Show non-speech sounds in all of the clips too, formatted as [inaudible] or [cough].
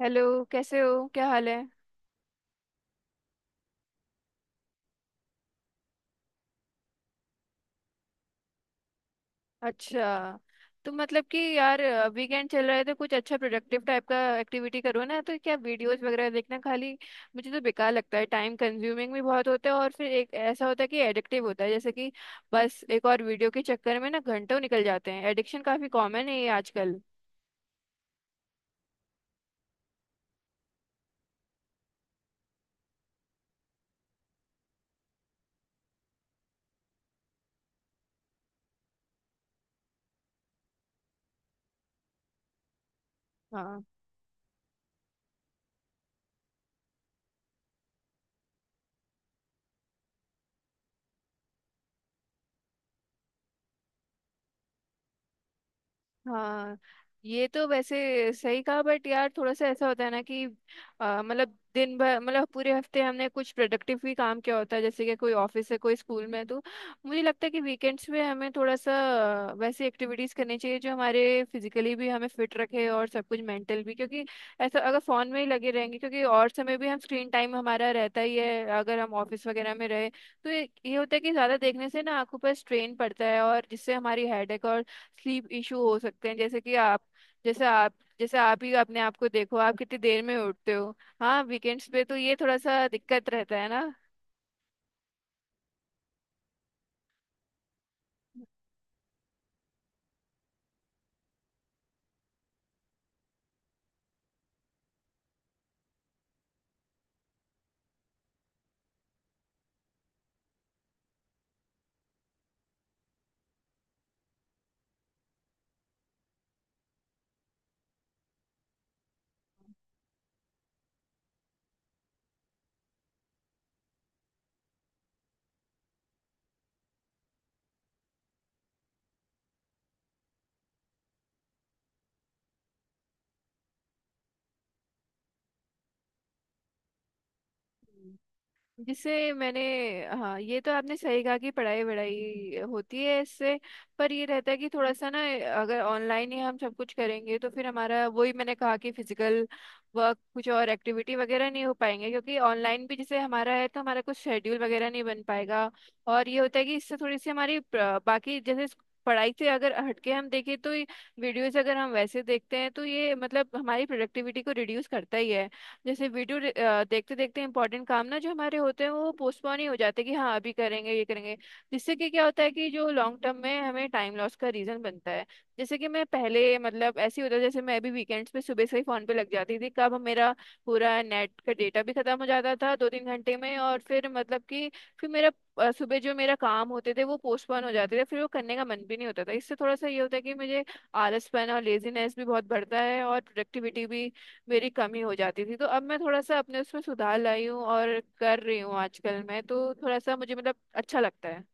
Hello. कैसे हो? क्या हाल है? अच्छा। तो मतलब कि यार, वीकेंड चल रहा है तो कुछ अच्छा प्रोडक्टिव टाइप का एक्टिविटी करो ना। तो क्या वीडियोस वगैरह देखना? खाली मुझे तो बेकार लगता है। टाइम कंज्यूमिंग भी बहुत होता है और फिर एक ऐसा होता है कि एडिक्टिव होता है, जैसे कि बस एक और वीडियो के चक्कर में ना घंटों निकल जाते हैं। एडिक्शन काफी कॉमन है ये आजकल। हाँ। हाँ, ये तो वैसे सही कहा, बट यार थोड़ा सा ऐसा होता है ना कि मतलब दिन भर, मतलब पूरे हफ्ते हमने कुछ प्रोडक्टिव भी काम किया होता है, जैसे कि कोई ऑफिस है, कोई स्कूल में है, तो मुझे लगता है कि वीकेंड्स में हमें थोड़ा सा वैसी एक्टिविटीज करनी चाहिए जो हमारे फिजिकली भी हमें फिट रखे और सब कुछ मेंटल भी। क्योंकि ऐसा अगर फोन में ही लगे रहेंगे, क्योंकि और समय भी हम स्क्रीन टाइम हमारा रहता ही है अगर हम ऑफिस वगैरह में रहे, तो ये होता है कि ज्यादा देखने से ना आंखों पर स्ट्रेन पड़ता है और जिससे हमारी हेडेक, स्लीप इशू हो सकते हैं। जैसे कि जैसे आप आप ही अपने आप को देखो, आप कितनी देर में उठते हो। हाँ, वीकेंड्स पे तो ये थोड़ा सा दिक्कत रहता है ना। जिससे मैंने, हाँ ये तो आपने सही कहा कि पढ़ाई वढ़ाई होती है इससे। पर ये रहता है कि थोड़ा सा ना, अगर ऑनलाइन ही हम सब कुछ करेंगे तो फिर हमारा, वही मैंने कहा कि फिजिकल वर्क कुछ और एक्टिविटी वगैरह नहीं हो पाएंगे, क्योंकि ऑनलाइन भी जैसे हमारा है तो हमारा कुछ शेड्यूल वगैरह नहीं बन पाएगा। और ये होता है कि इससे थोड़ी सी हमारी प्र- बाकी जैसे इस पढ़ाई से अगर हटके हम देखें तो वीडियोस, अगर हम वैसे देखते हैं तो ये मतलब हमारी प्रोडक्टिविटी को रिड्यूस करता ही है। जैसे वीडियो देखते देखते इंपॉर्टेंट काम ना जो हमारे होते हैं वो पोस्टपोन ही हो जाते हैं कि हाँ अभी करेंगे, ये करेंगे। जिससे कि क्या होता है कि जो लॉन्ग टर्म में हमें टाइम लॉस का रीजन बनता है। जैसे कि मैं पहले, मतलब ऐसे ही होता था, जैसे मैं अभी वीकेंड्स पे सुबह से ही फोन पे लग जाती थी, कब मेरा पूरा नेट का डेटा भी खत्म हो जाता था दो तीन घंटे में, और फिर मतलब कि फिर मेरा सुबह जो मेरा काम होते थे वो पोस्टपोन हो जाते थे, फिर वो करने का मन भी नहीं होता था। इससे थोड़ा सा ये होता है कि मुझे आलसपन और लेजीनेस भी बहुत बढ़ता है और प्रोडक्टिविटी भी मेरी कमी हो जाती थी। तो अब मैं थोड़ा सा अपने उसमें सुधार लाई हूँ और कर रही हूँ। आजकल मैं तो थोड़ा सा मुझे, मतलब अच्छा लगता है।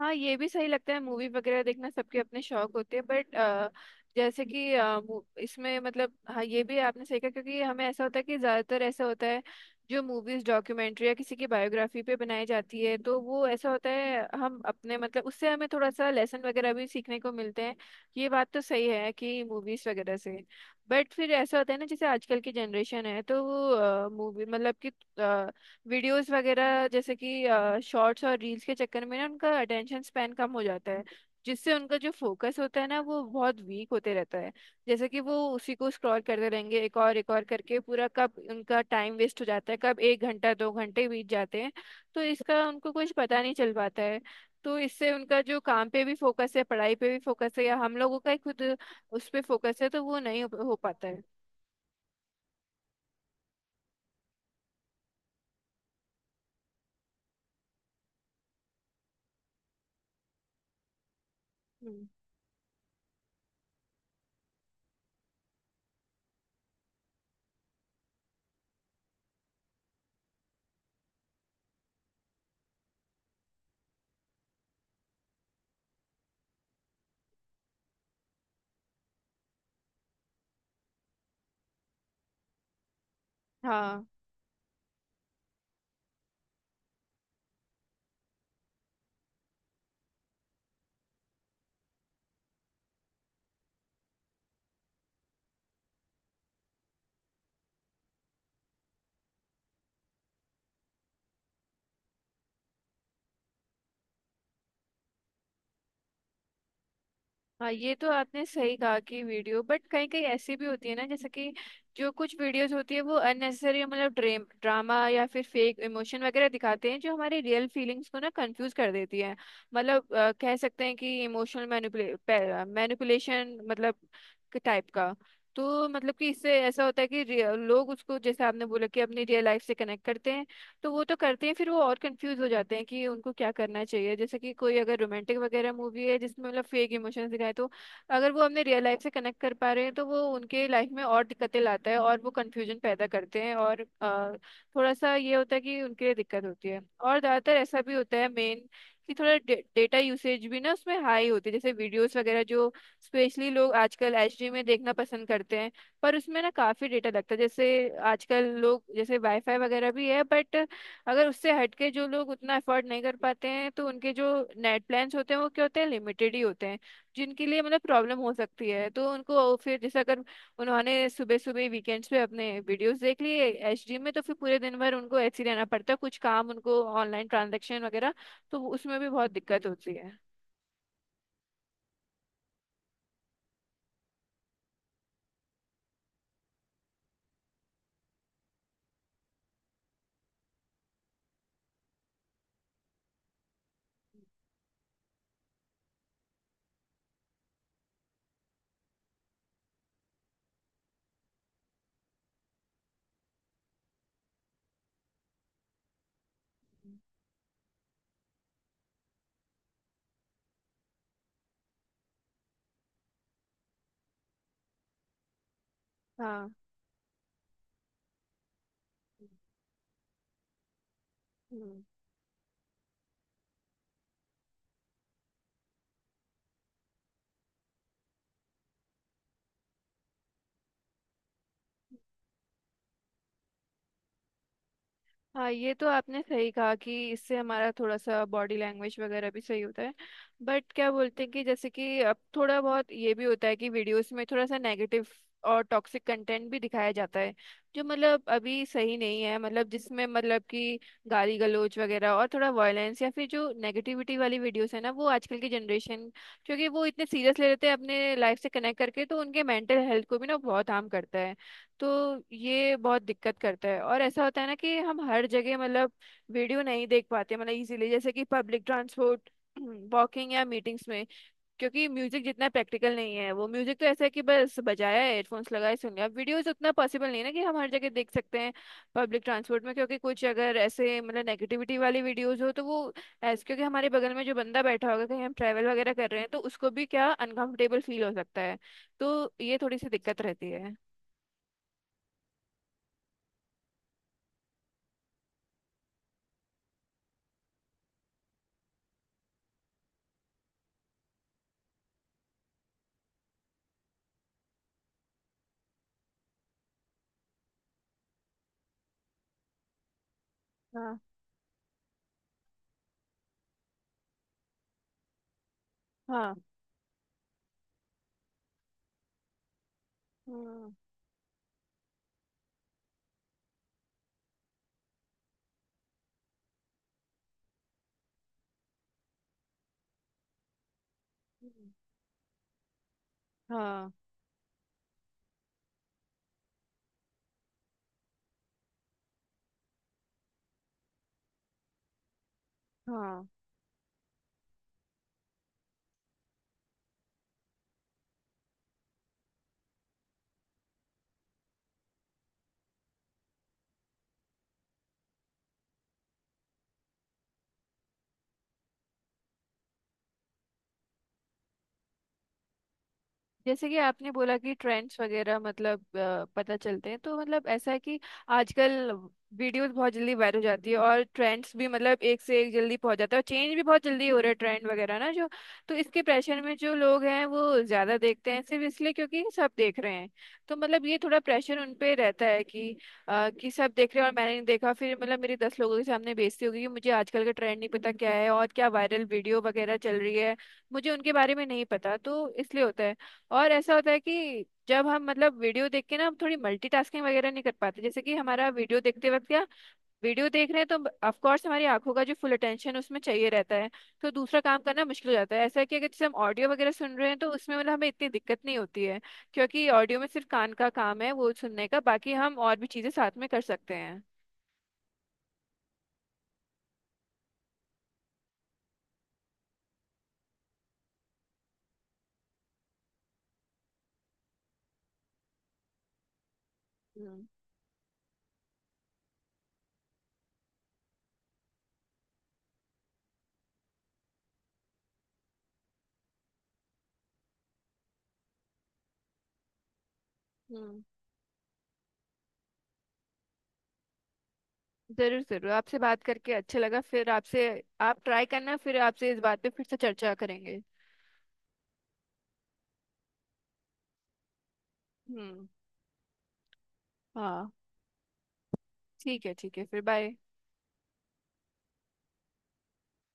हाँ, ये भी सही लगता है। मूवी वगैरह देखना सबके अपने शौक होते हैं, बट जैसे कि मू- इसमें, मतलब हाँ ये भी आपने सही कहा, क्योंकि हमें ऐसा होता है कि ज़्यादातर ऐसा होता है जो मूवीज, डॉक्यूमेंट्री या किसी की बायोग्राफी पे बनाई जाती है, तो वो ऐसा होता है हम अपने, मतलब उससे हमें थोड़ा सा लेसन वगैरह भी सीखने को मिलते हैं। ये बात तो सही है कि मूवीज वगैरह से, बट फिर ऐसा होता है ना, जैसे आजकल की जनरेशन है तो वो मूवी मतलब कि वीडियोस वगैरह, जैसे कि शॉर्ट्स और रील्स के चक्कर में ना उनका अटेंशन स्पैन कम हो जाता है। जिससे उनका जो फोकस होता है ना वो बहुत वीक होते रहता है। जैसे कि वो उसी को स्क्रॉल करते रहेंगे, एक और करके, पूरा कब उनका टाइम वेस्ट हो जाता है, कब एक घंटा दो घंटे बीत जाते हैं, तो इसका उनको कुछ पता नहीं चल पाता है। तो इससे उनका जो काम पे भी फोकस है, पढ़ाई पे भी फोकस है, या हम लोगों का ही खुद उस पे फोकस है, तो वो नहीं हो पाता है। हम्म। हाँ। हाँ, ये तो आपने सही कहा कि वीडियो, बट कहीं कहीं ऐसी भी होती है ना, जैसे कि जो कुछ वीडियोस होती है वो अननेसेसरी, मतलब ड्रेम ड्रामा या फिर फेक इमोशन वगैरह दिखाते हैं, जो हमारी रियल फीलिंग्स को ना कंफ्यूज कर देती है। मतलब कह सकते हैं कि इमोशनल मैनिपुले, मैनिपुलेशन मतलब टाइप का। तो मतलब कि इससे ऐसा होता है कि रि- लोग उसको जैसे आपने बोला कि अपनी रियल लाइफ से कनेक्ट करते हैं, तो वो तो करते हैं, फिर वो और कंफ्यूज हो जाते हैं कि उनको क्या करना चाहिए। जैसे कि कोई अगर रोमांटिक वगैरह मूवी है, जिसमें मतलब फेक इमोशंस दिखाए, तो अगर वो अपने रियल लाइफ से कनेक्ट कर पा रहे हैं, तो वो उनके लाइफ में और दिक्कतें लाता है और वो कंफ्यूजन पैदा करते हैं। और थोड़ा सा ये होता है कि उनके लिए दिक्कत होती है। और ज़्यादातर ऐसा भी होता है मेन, कि थोड़ा डेटा यूसेज भी ना उसमें हाई होती है। जैसे वीडियोस वगैरह जो स्पेशली लोग आजकल एचडी में देखना पसंद करते हैं, पर उसमें ना काफ़ी डेटा लगता है। जैसे आजकल लोग जैसे वाईफाई वगैरह भी है, बट अगर उससे हटके जो लोग उतना अफोर्ड नहीं कर पाते हैं, तो उनके जो नेट प्लान्स होते हैं वो क्या होते हैं, लिमिटेड ही होते हैं, जिनके लिए मतलब प्रॉब्लम हो सकती है। तो उनको फिर जैसे अगर उन्होंने सुबह सुबह वीकेंड्स पे अपने वीडियोस देख लिए एचडी में, तो फिर पूरे दिन भर उनको ऐसे ही रहना पड़ता है। कुछ काम उनको ऑनलाइन ट्रांजेक्शन वगैरह, तो उसमें भी बहुत दिक्कत होती है। हाँ। हम्म। हाँ, ये तो आपने सही कहा कि इससे हमारा थोड़ा सा बॉडी लैंग्वेज वगैरह भी सही होता है। बट क्या बोलते हैं कि जैसे कि अब थोड़ा बहुत ये भी होता है कि वीडियोस में थोड़ा सा नेगेटिव और टॉक्सिक कंटेंट भी दिखाया जाता है, जो मतलब अभी सही नहीं है। मतलब जिसमें मतलब कि गाली गलौज वगैरह और थोड़ा वायलेंस या फिर जो नेगेटिविटी वाली वीडियोस है ना, वो आजकल की जनरेशन, क्योंकि वो इतने सीरियस ले लेते हैं अपने लाइफ से कनेक्ट करके, तो उनके मेंटल हेल्थ को भी ना बहुत हार्म करता है। तो ये बहुत दिक्कत करता है। और ऐसा होता है ना कि हम हर जगह मतलब वीडियो नहीं देख पाते, मतलब इजीली, जैसे कि पब्लिक ट्रांसपोर्ट, [clears throat] वॉकिंग या मीटिंग्स में। क्योंकि म्यूजिक जितना प्रैक्टिकल नहीं है, वो म्यूजिक तो ऐसा है कि बस बजाया, हेडफोन्स लगाए, सुन लिया, वीडियोस उतना पॉसिबल नहीं है ना कि हम हर जगह देख सकते हैं। पब्लिक ट्रांसपोर्ट में क्योंकि कुछ अगर ऐसे मतलब नेगेटिविटी वाली वीडियोस हो तो वो ऐसे, क्योंकि हमारे बगल में जो बंदा बैठा होगा, कहीं हम ट्रैवल वगैरह कर रहे हैं, तो उसको भी क्या अनकंफर्टेबल फील हो सकता है। तो ये थोड़ी सी दिक्कत रहती है। हाँ। हाँ। हम्म। हाँ। हाँ। जैसे कि आपने बोला कि ट्रेंड्स वगैरह, मतलब पता चलते हैं, तो मतलब ऐसा है कि आजकल वीडियोस बहुत जल्दी वायरल हो जाती है और ट्रेंड्स भी, मतलब एक से एक जल्दी पहुंच जाता है, और चेंज भी बहुत जल्दी हो रहा है ट्रेंड वगैरह ना जो। तो इसके प्रेशर में जो लोग हैं वो ज्यादा देखते हैं सिर्फ इसलिए क्योंकि सब देख रहे हैं। तो मतलब ये थोड़ा प्रेशर उन पे रहता है कि कि सब देख रहे हैं और मैंने नहीं देखा, फिर मतलब मेरी 10 लोगों के सामने बेइज्जती होगी कि मुझे आजकल का ट्रेंड नहीं पता क्या है और क्या वायरल वीडियो वगैरह चल रही है, मुझे उनके बारे में नहीं पता, तो इसलिए होता है। और ऐसा होता है कि जब हम मतलब वीडियो देख के ना हम थोड़ी मल्टीटास्किंग वगैरह नहीं कर पाते। जैसे कि हमारा वीडियो देखते वक्त क्या, वीडियो देख रहे हैं तो ऑफ कोर्स हमारी आंखों का जो फुल अटेंशन उसमें चाहिए रहता है, तो दूसरा काम करना मुश्किल हो जाता है। ऐसा है कि अगर जैसे हम ऑडियो वगैरह सुन रहे हैं, तो उसमें मतलब हमें इतनी दिक्कत नहीं होती है, क्योंकि ऑडियो में सिर्फ कान का काम है वो सुनने का, बाकी हम और भी चीजें साथ में कर सकते हैं। हम्म। हम्म, जरूर जरूर, आपसे बात करके अच्छा लगा। फिर आपसे, आप ट्राई करना, फिर आपसे इस बात पे फिर से चर्चा करेंगे। हम्म। हाँ, ठीक है ठीक है, फिर बाय।